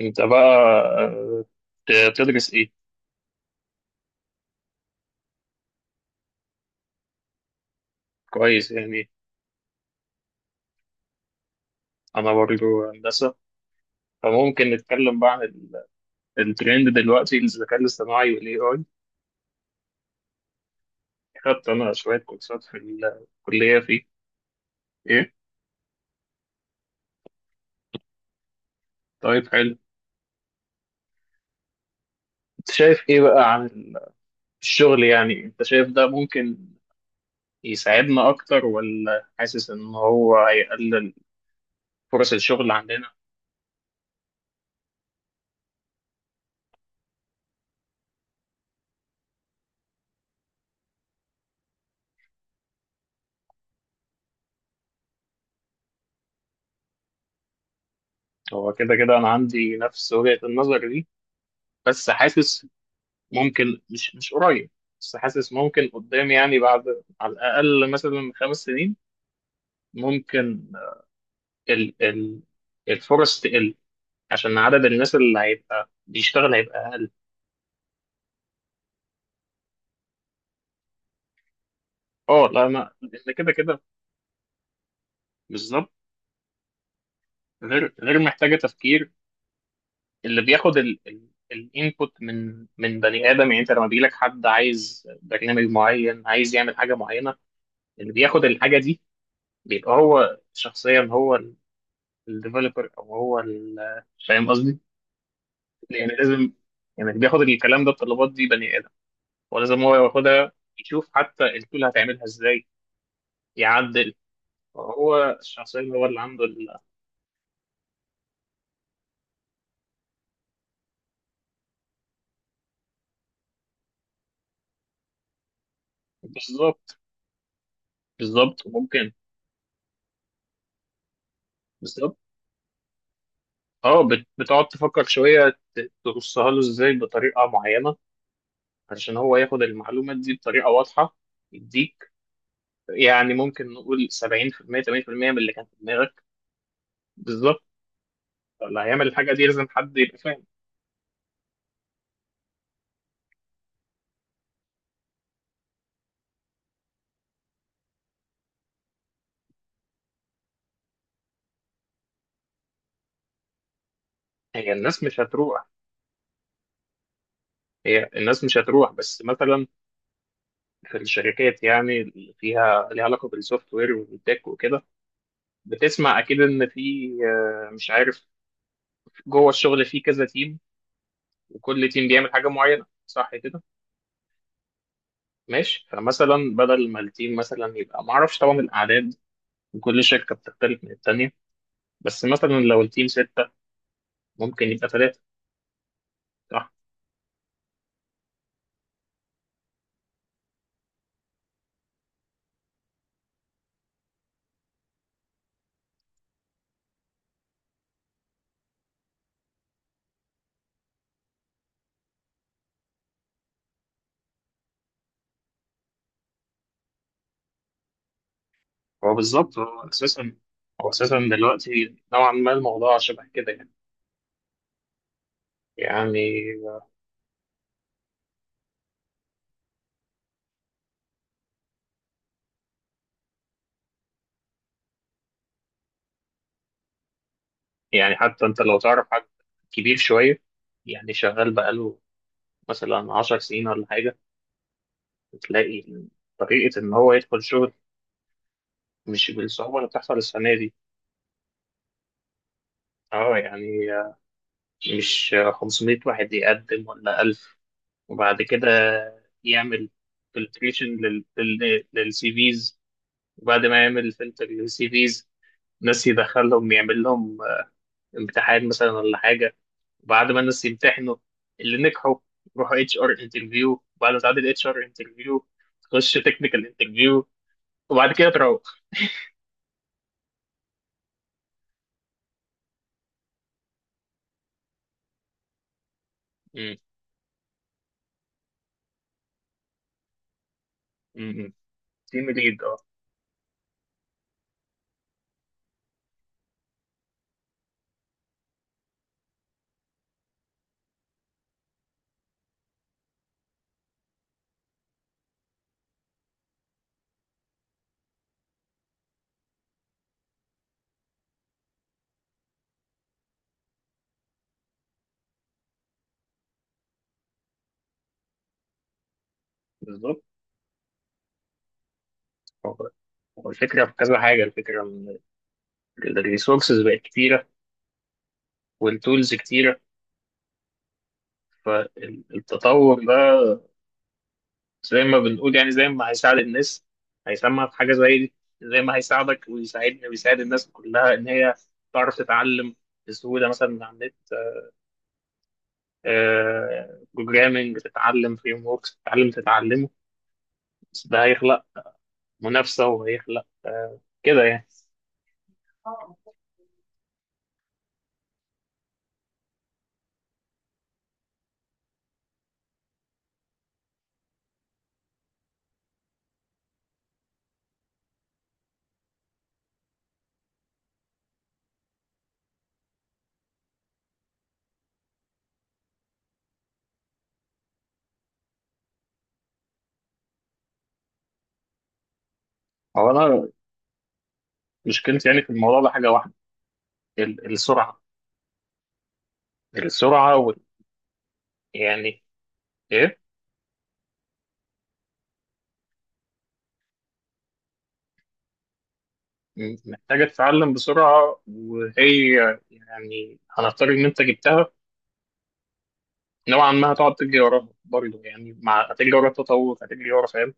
انت بقى، آه، بتدرس ايه؟ كويس يعني. انا برضه هندسه، فممكن نتكلم بقى عن الترند دلوقتي، الذكاء الاصطناعي والاي اي. خدت انا شويه كورسات في الكليه فيه. ايه؟ طيب حلو. انت شايف ايه بقى عن الشغل؟ يعني انت شايف ده ممكن يساعدنا اكتر، ولا حاسس ان هو هيقلل فرص الشغل عندنا؟ هو كده كده انا عندي نفس وجهة النظر دي، بس حاسس ممكن مش قريب، بس حاسس ممكن قدام، يعني بعد على الأقل مثلا خمس سنين ممكن ال الفرص تقل، عشان عدد الناس اللي هيبقى بيشتغل هيبقى أقل. اه لا، أنا لأن كده كده بالظبط. غير محتاجة تفكير. اللي بياخد ال الانبوت من بني آدم، يعني أنت لما بيجيلك حد عايز برنامج معين، عايز يعمل حاجة معينة، اللي بياخد الحاجة دي بيبقى هو شخصيا، هو الديفلوبر، أو هو فاهم قصدي؟ يعني لازم، يعني اللي بياخد الكلام ده، الطلبات دي بني ادم، ولازم هو ياخدها يشوف حتى التول هتعملها ازاي، يعدل. هو الشخصيه اللي هو اللي عنده بالظبط. بالظبط ممكن. بالظبط. اه، بتقعد تفكر شويه، ترصها له ازاي بطريقه معينه، علشان هو ياخد المعلومات دي بطريقه واضحه يديك يعني، ممكن نقول 70% 80% من اللي كان في دماغك. بالظبط. اللي هيعمل الحاجه دي لازم حد يبقى فاهم. هي الناس مش هتروح، هي الناس مش هتروح، بس مثلا في الشركات، يعني اللي فيها ليها علاقه بالسوفت وير والتك وكده، بتسمع اكيد ان في، مش عارف، جوه الشغل في كذا تيم، وكل تيم بيعمل حاجه معينه، صح كده؟ ماشي. فمثلا بدل ما التيم مثلا يبقى، ما اعرفش طبعا الاعداد، وكل شركه بتختلف من التانيه، بس مثلا لو التيم سته، ممكن يبقى ثلاثه، صح؟ هو بالظبط، هو اساسا، هو اساسا دلوقتي نوعا ما الموضوع شبه كده يعني. يعني. يعني حتى انت لو تعرف حد كبير شويه، يعني شغال بقاله مثلا 10 سنين ولا حاجة، تلاقي طريقة إن هو يدخل شغل مش بالصعوبة اللي بتحصل السنة دي. اه يعني، مش 500 واحد يقدم ولا 1000، وبعد كده يعمل فلتريشن للسي فيز، وبعد ما يعمل فلتر للسي فيز، ناس يدخلهم يعمل لهم امتحان مثلا ولا حاجة، وبعد ما الناس يمتحنوا اللي نجحوا يروحوا اتش ار انترفيو، وبعد ما تعدي الاتش ار انترفيو تخش تكنيكال انترفيو، وبعد كده تروح. امم. تيم ليد، اه. بالظبط. هو هو الفكره في كذا حاجه، الفكره ان الريسورسز بقت كتيره والتولز كتيره، فالتطور ده زي ما بنقول، يعني زي ما هيساعد الناس، هيسمع في حاجه زي دي، زي ما هيساعدك ويساعدني ويساعد الناس كلها ان هي تعرف تتعلم بسهوله مثلا من على النت، بروجرامنج تتعلم، فريم وركس تتعلم، تتعلمه، بس ده هيخلق منافسه، وهيخلق كده يعني. هو انا مشكلتي يعني في الموضوع ده حاجة واحدة، السرعة. السرعة يعني إيه، محتاجة تتعلم بسرعة، وهي يعني هنفترض إن أنت جبتها، نوعا ما هتقعد تجري وراها برضه، يعني مع هتجري ورا التطور، هتجري ورا، فاهم؟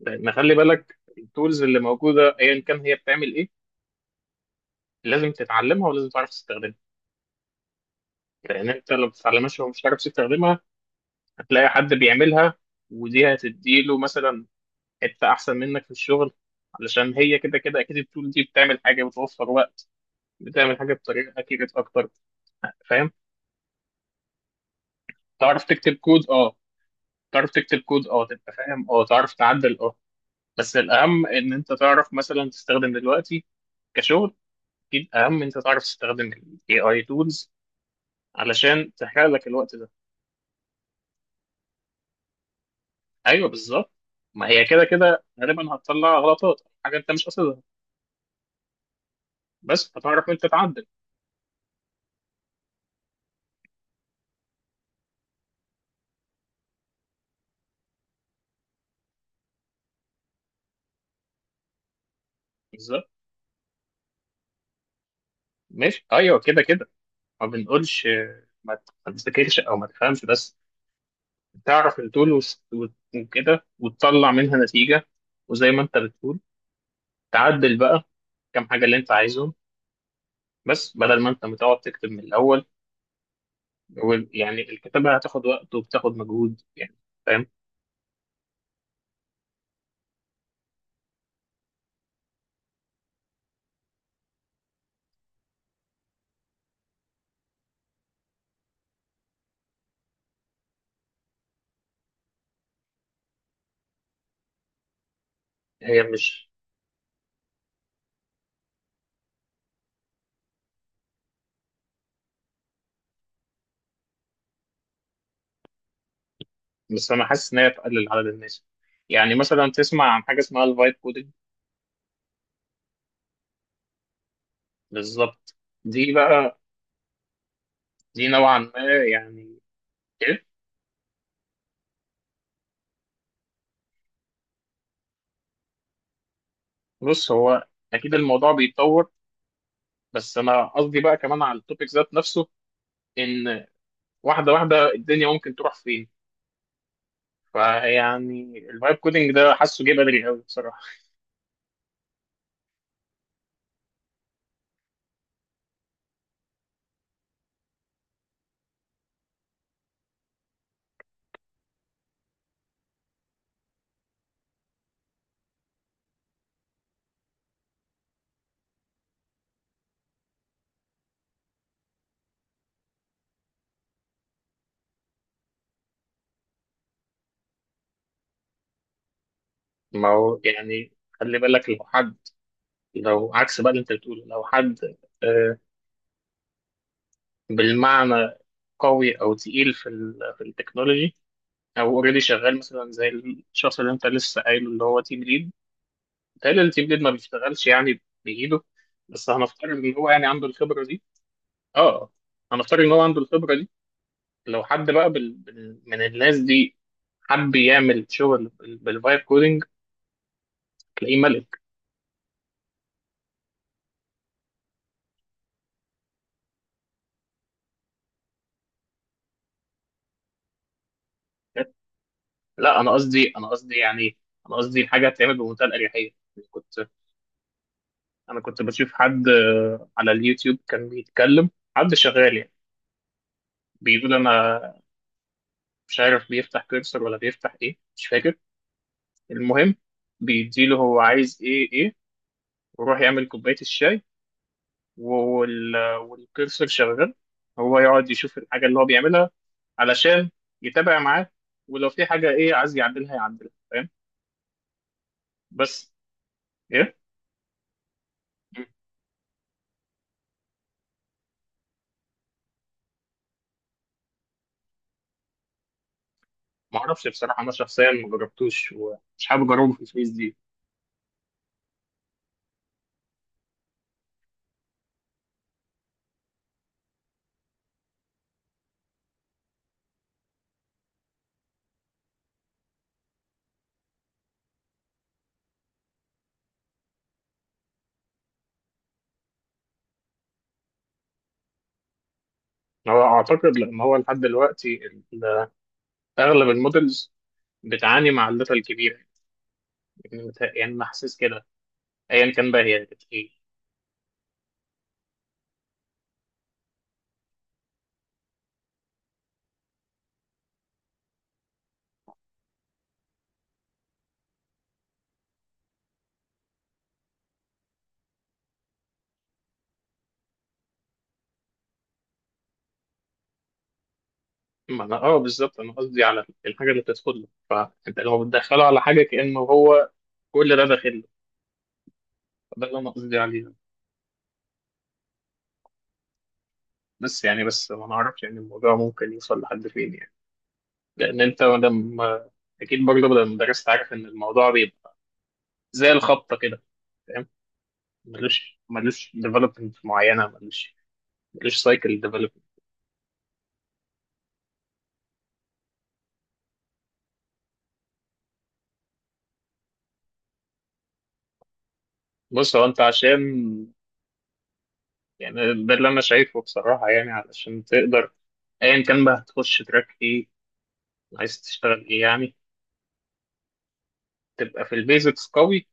لأن خلي بالك التولز اللي موجودة أيا كان هي بتعمل إيه، لازم تتعلمها ولازم تعرف تستخدمها. لأن أنت لو ما بتتعلمهاش ومش عارف تستخدمها، هتلاقي حد بيعملها، ودي هتديله مثلا حته احسن منك في الشغل، علشان هي كده كده اكيد التول دي بتعمل حاجه بتوفر وقت، بتعمل حاجه بطريقه اكيوريت اكتر. فاهم؟ تعرف تكتب كود اه، تعرف تكتب كود اه، تبقى فاهم اه، تعرف تعدل اه، بس الاهم ان انت تعرف مثلا تستخدم دلوقتي كشغل. اكيد اهم ان انت تعرف تستخدم الاي اي تولز، علشان تحرق لك الوقت ده. ايوه بالظبط. ما هي كده كده غالبا هتطلع غلطات حاجه انت مش قاصدها، بس هتعرف انت تعدل. بالظبط. ماشي، ايوه كده كده، ما بنقولش ما تذاكرش او ما تفهمش، بس تعرف التول وكده، وتطلع منها نتيجة، وزي ما انت بتقول تعدل بقى كام حاجة اللي انت عايزهم، بس بدل ما انت متقعد تكتب من الاول، يعني الكتابة هتاخد وقت وبتاخد مجهود يعني، فاهم؟ هي مش، بس انا حاسس ان هي تقلل عدد الناس. يعني مثلا تسمع عن حاجة اسمها الفايب كودing؟ بالظبط. دي بقى، دي نوعا ما، يعني إيه؟ بص هو اكيد الموضوع بيتطور، بس انا قصدي بقى كمان على التوبيك ذات نفسه ان واحده واحده الدنيا ممكن تروح فين. فيعني الفايب كودنج ده حاسه جه بدري قوي بصراحه. ما هو يعني، خلي بالك لو حد، لو عكس بقى اللي انت بتقوله، لو حد، آه، بالمعنى قوي او تقيل في ال في التكنولوجي، او اوريدي شغال مثلا زي الشخص اللي انت لسه قايله اللي هو تيم ليد، بيتهيألي التيم ليد ما بيشتغلش يعني بايده، بس هنفترض ان هو يعني عنده الخبره دي، اه، هنفترض ان هو عنده الخبره دي، لو حد بقى من الناس دي حب يعمل شغل بالفايب كودينج، تلاقيه ملك. لا انا قصدي، انا قصدي يعني، انا قصدي الحاجه هتتعمل بمنتهى الاريحيه. كنت، انا كنت بشوف حد على اليوتيوب كان بيتكلم، حد شغال يعني، بيقول انا، مش عارف بيفتح كيرسر ولا بيفتح ايه مش فاكر، المهم بيديله هو عايز ايه ايه، ويروح يعمل كوبايه الشاي والكرسور شغال، هو يقعد يشوف الحاجة اللي هو بيعملها علشان يتابع معاه، ولو في حاجة إيه عايز يعدلها يعدلها، فاهم؟ بس إيه، ما أعرفش بصراحة، أنا شخصيا ما جربتوش ومش حابب أجربه في الفيس دي. هو أعتقد، لأن هو لحد دلوقتي أغلب المودلز بتعاني مع الداتا الكبيرة، يعني يعني أنا حاسس كده، أيا كان بقى هي كانت إيه. ما أنا أه بالظبط، أنا قصدي على الحاجة اللي بتدخل له، فأنت لو بتدخله على حاجة كأنه هو كل ده داخل له، ده اللي انا قصدي عليه. بس يعني، بس ما نعرفش يعني الموضوع ممكن يوصل لحد فين يعني، لان انت لما اكيد برضه بدل المدرس عارف ان الموضوع بيبقى زي الخبطه كده، فاهم؟ ملوش، ملوش ديفلوبمنت معينه، ملوش، ملوش سايكل ديفلوبمنت. بص هو، انت عشان، يعني ده اللي انا شايفه بصراحه، يعني علشان تقدر، ايا كان بقى هتخش تراك ايه، عايز تشتغل ايه يعني، تبقى في البيزكس قوي،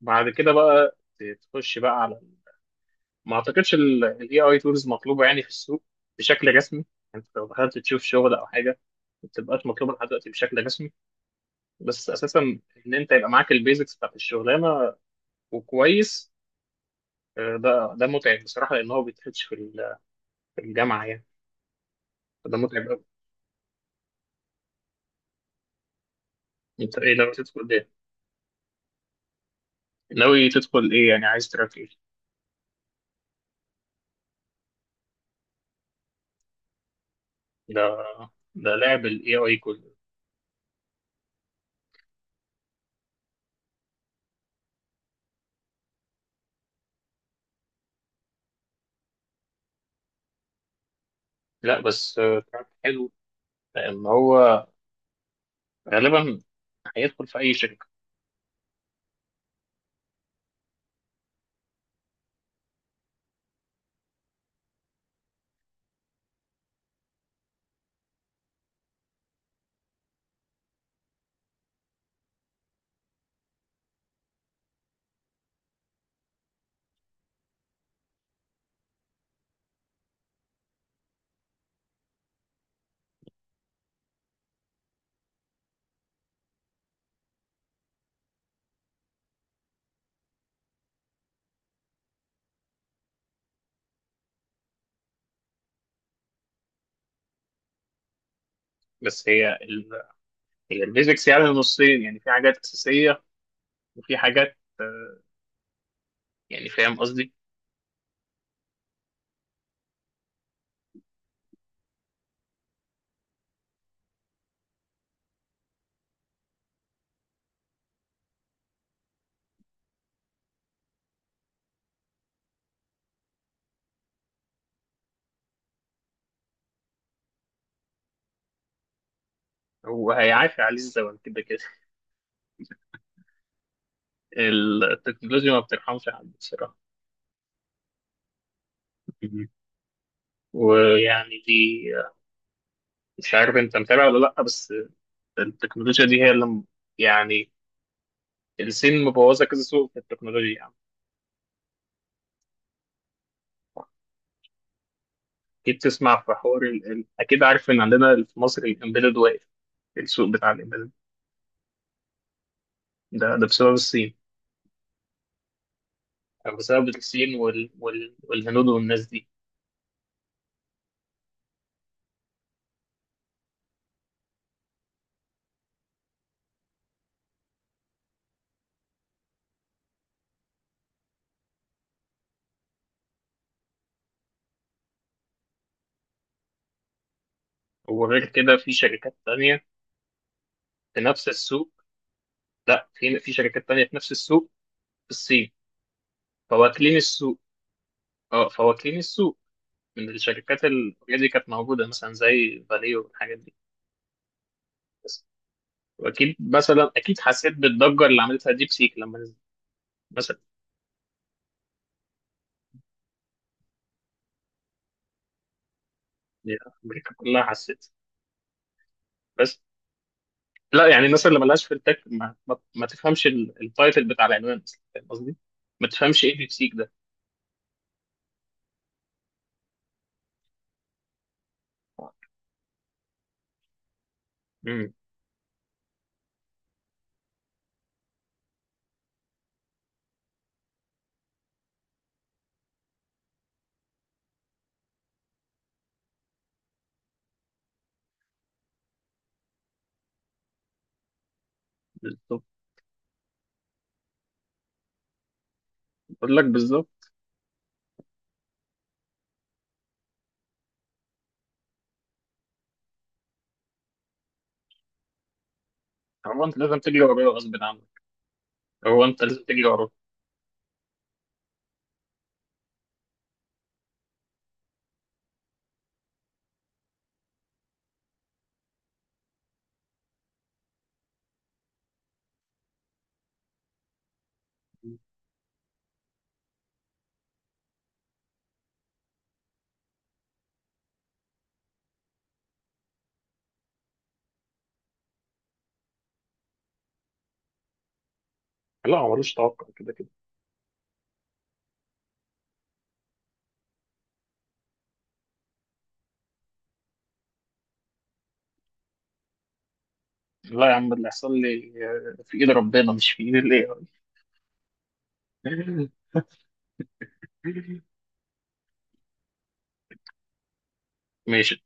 بعد كده بقى تخش بقى على، ما اعتقدش الاي اي تولز مطلوبه يعني في السوق بشكل رسمي، يعني انت لو دخلت تشوف شغل او حاجه ما بتبقاش مطلوبه لحد دلوقتي بشكل رسمي، بس اساسا ان انت يبقى معاك البيزكس بتاعت الشغلانه وكويس، ده ده متعب بصراحه، لان هو ما بيتاخدش في في الجامعه يعني، فده متعب قوي. انت ايه، لو تدخل ايه، ناوي تدخل ايه يعني، عايز تراك ايه؟ ده ده لعب الاي اي كله. لا بس تراك حلو، لان هو غالبا هيدخل في اي شركه. بس هي هي الفيزيكس يعني نصين، يعني في حاجات أساسية وفي حاجات، يعني فاهم قصدي؟ هو هيعافي عليه الزمن كده كده. التكنولوجيا ما بترحمش حد بصراحة. مهم. ويعني دي، مش عارف انت متابع ولا لا، بس التكنولوجيا دي هي اللي يعني الصين مبوظة كذا سوق في التكنولوجيا يعني. اكيد تسمع في حوار اكيد عارف ان عندنا في مصر الامبيدد واقف، السوق بتاع الامبيدد، ده ده بسبب الصين. يعني بسبب الصين والهنود والناس دي. وغير كده في شركات تانية في نفس السوق. لا، في في شركات تانية في نفس السوق، في الصين، فواكلين السوق. اه فواكلين السوق، من الشركات دي كانت موجودة مثلا زي فاليو والحاجات دي، بس. وأكيد مثلا، أكيد حسيت بالضجة اللي عملتها ديب سيك لما نزلت مثلا، يعني أمريكا كلها حسيت. بس لا، يعني الناس اللي ملهاش في التك ما تفهمش التايتل بتاع العنوان أصلا، فاهم قصدي؟ ما تفهمش إيه ديب سيك ده. امم. بالظبط. بقول لك بالظبط. هو أنت لازم تجري ورايا غصب عنك، هو انت لازم تجري وراه. لا هو ملوش توقع كده كده. لا يا عم، اللي هيحصل لي في ايد ربنا مش في ايد الاي اي. ماشي.